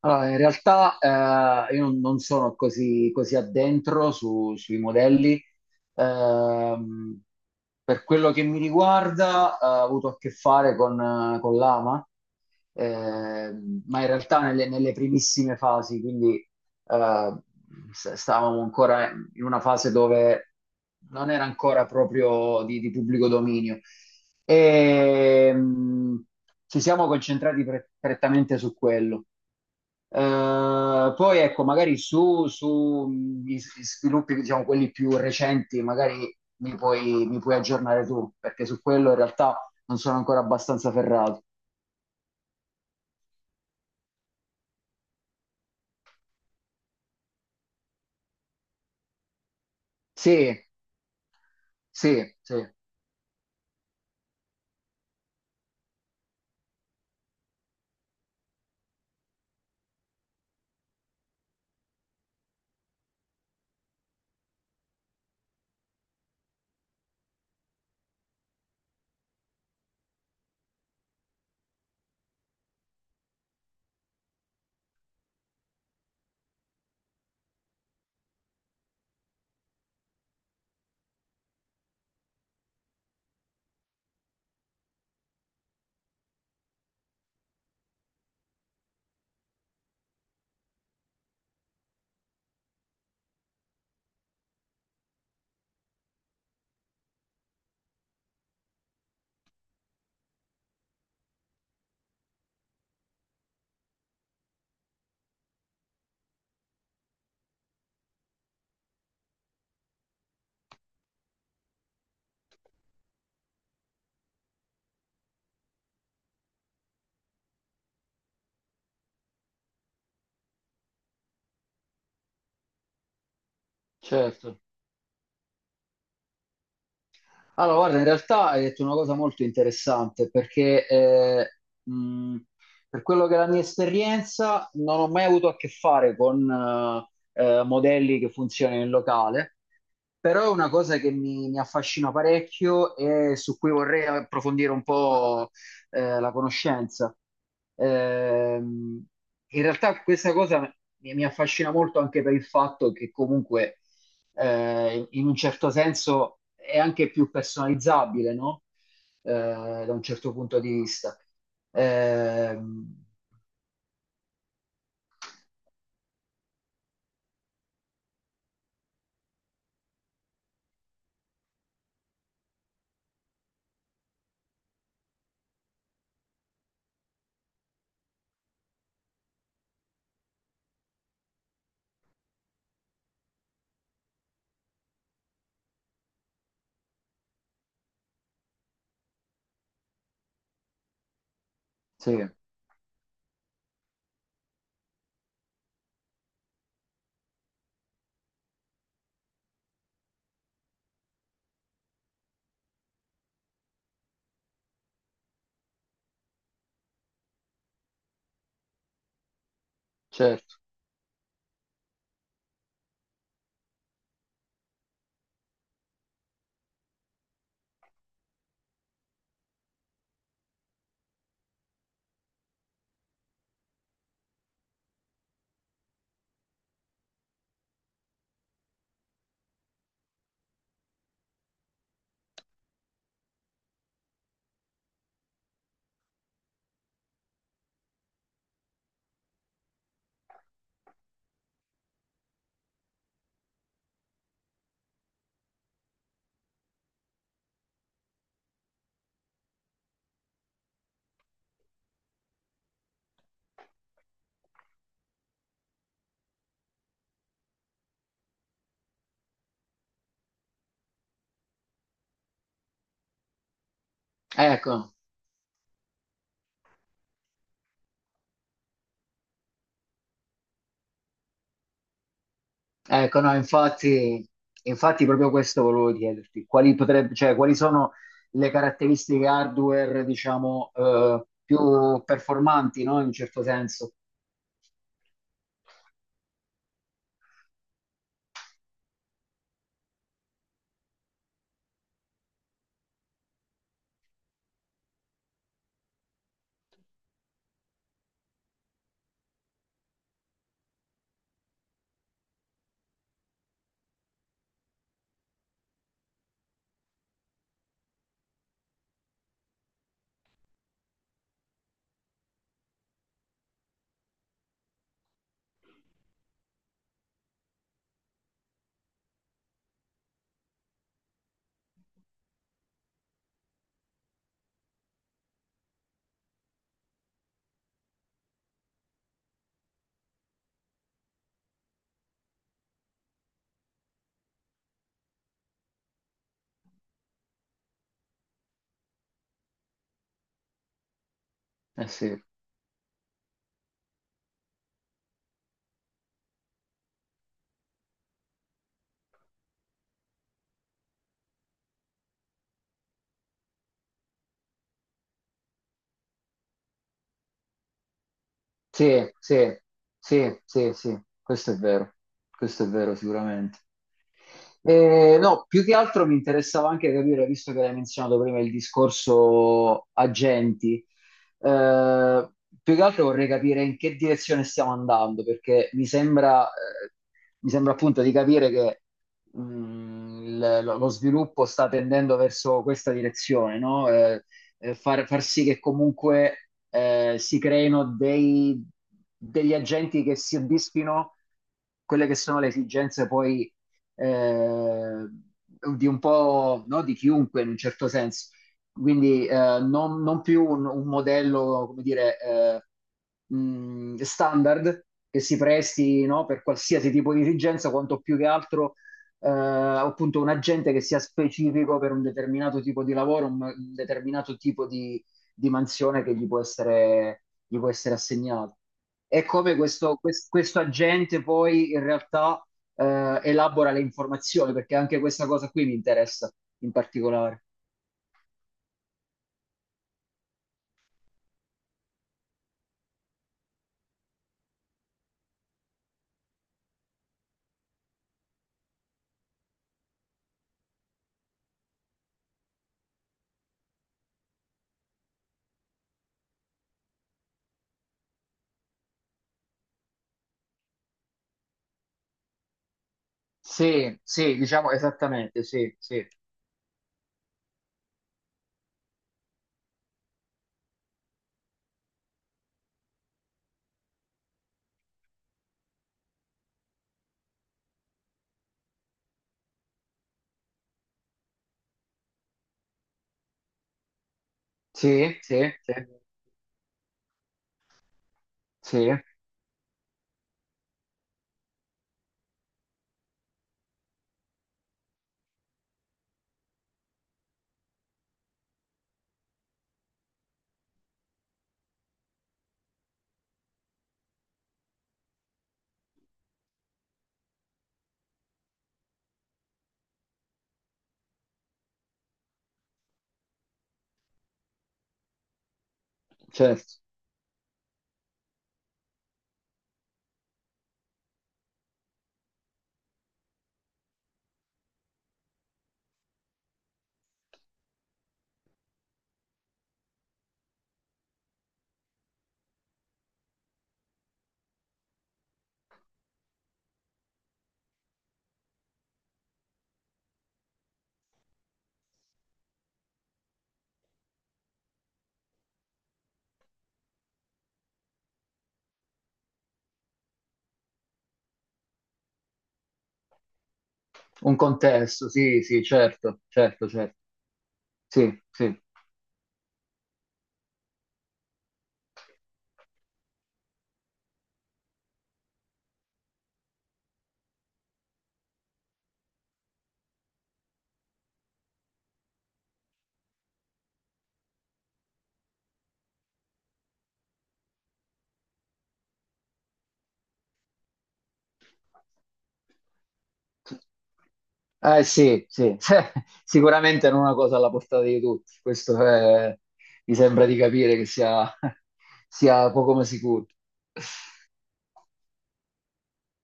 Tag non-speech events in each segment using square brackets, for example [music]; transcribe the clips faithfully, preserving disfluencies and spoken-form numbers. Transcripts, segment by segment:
Allora, in realtà eh, io non, non sono così, così addentro su- sui modelli. Ehm, per quello che mi riguarda, eh, ho avuto a che fare con, eh, con l'AMA, ehm, ma in realtà nelle, nelle primissime fasi, quindi eh, s- stavamo ancora in una fase dove non era ancora proprio di, di pubblico dominio. E, mm, Ci siamo concentrati pre- prettamente su quello. Eh, poi ecco, magari su, su gli s- gli sviluppi, diciamo, quelli più recenti, magari mi puoi, mi puoi aggiornare tu, perché su quello in realtà non sono ancora abbastanza ferrato. Sì, sì, sì, certo. Allora, guarda, in realtà hai detto una cosa molto interessante, perché eh, mh, per quello che è la mia esperienza, non ho mai avuto a che fare con eh, eh, modelli che funzionano in locale. Però è una cosa che mi, mi affascina parecchio e su cui vorrei approfondire un po' eh, la conoscenza. Ehm, In realtà questa cosa mi, mi affascina molto anche per il fatto che comunque eh, in un certo senso è anche più personalizzabile, no? Eh, da un certo punto di vista. Ehm, sì, certo. Ecco. Ecco, no, infatti, infatti proprio questo volevo chiederti, quali, potrebbe, cioè, quali sono le caratteristiche hardware, diciamo, eh, più performanti, no? In un certo senso. Eh sì, sì, sì, sì, sì, sì, questo è vero, questo è vero sicuramente. Eh, no, più che altro mi interessava anche capire, visto che l'hai menzionato prima il discorso agenti, eh, più che altro vorrei capire in che direzione stiamo andando, perché mi sembra, eh, mi sembra appunto di capire che mh, il- lo, lo sviluppo sta tendendo verso questa direzione, no? Eh, eh, far, far sì che comunque eh, si creino dei- degli agenti che si soddisfino quelle che sono le esigenze poi eh, di un po' no, di chiunque in un certo senso. Quindi eh, non, non più un, un modello, come dire, eh, mh, standard che si presti no, per qualsiasi tipo di dirigenza, quanto più che altro eh, appunto un agente che sia specifico per un determinato tipo di lavoro, un, un determinato tipo di, di mansione che gli può essere, gli può essere assegnato. E come questo, quest- questo agente poi in realtà eh, elabora le informazioni, perché anche questa cosa qui mi interessa in particolare. Sì, sì, diciamo esattamente, sì, sì, sì, sì, sì, sì, certo. Un contesto, sì, sì, certo, certo, certo, sì, sì. Eh sì, sì, [laughs] sicuramente non è una cosa alla portata di tutti, questo è- mi sembra di capire che sia, [laughs] sia poco ma sicuro.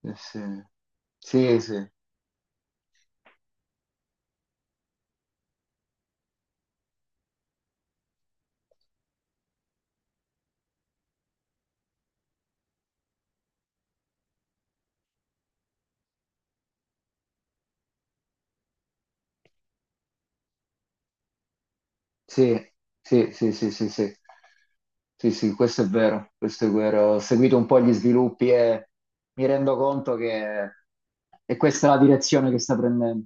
Eh, Sì, sì, sì. Sì, sì, sì, sì, sì, sì. Sì, sì, questo è vero, questo è vero. Ho seguito un po' gli sviluppi e mi rendo conto che è questa la direzione che sta prendendo.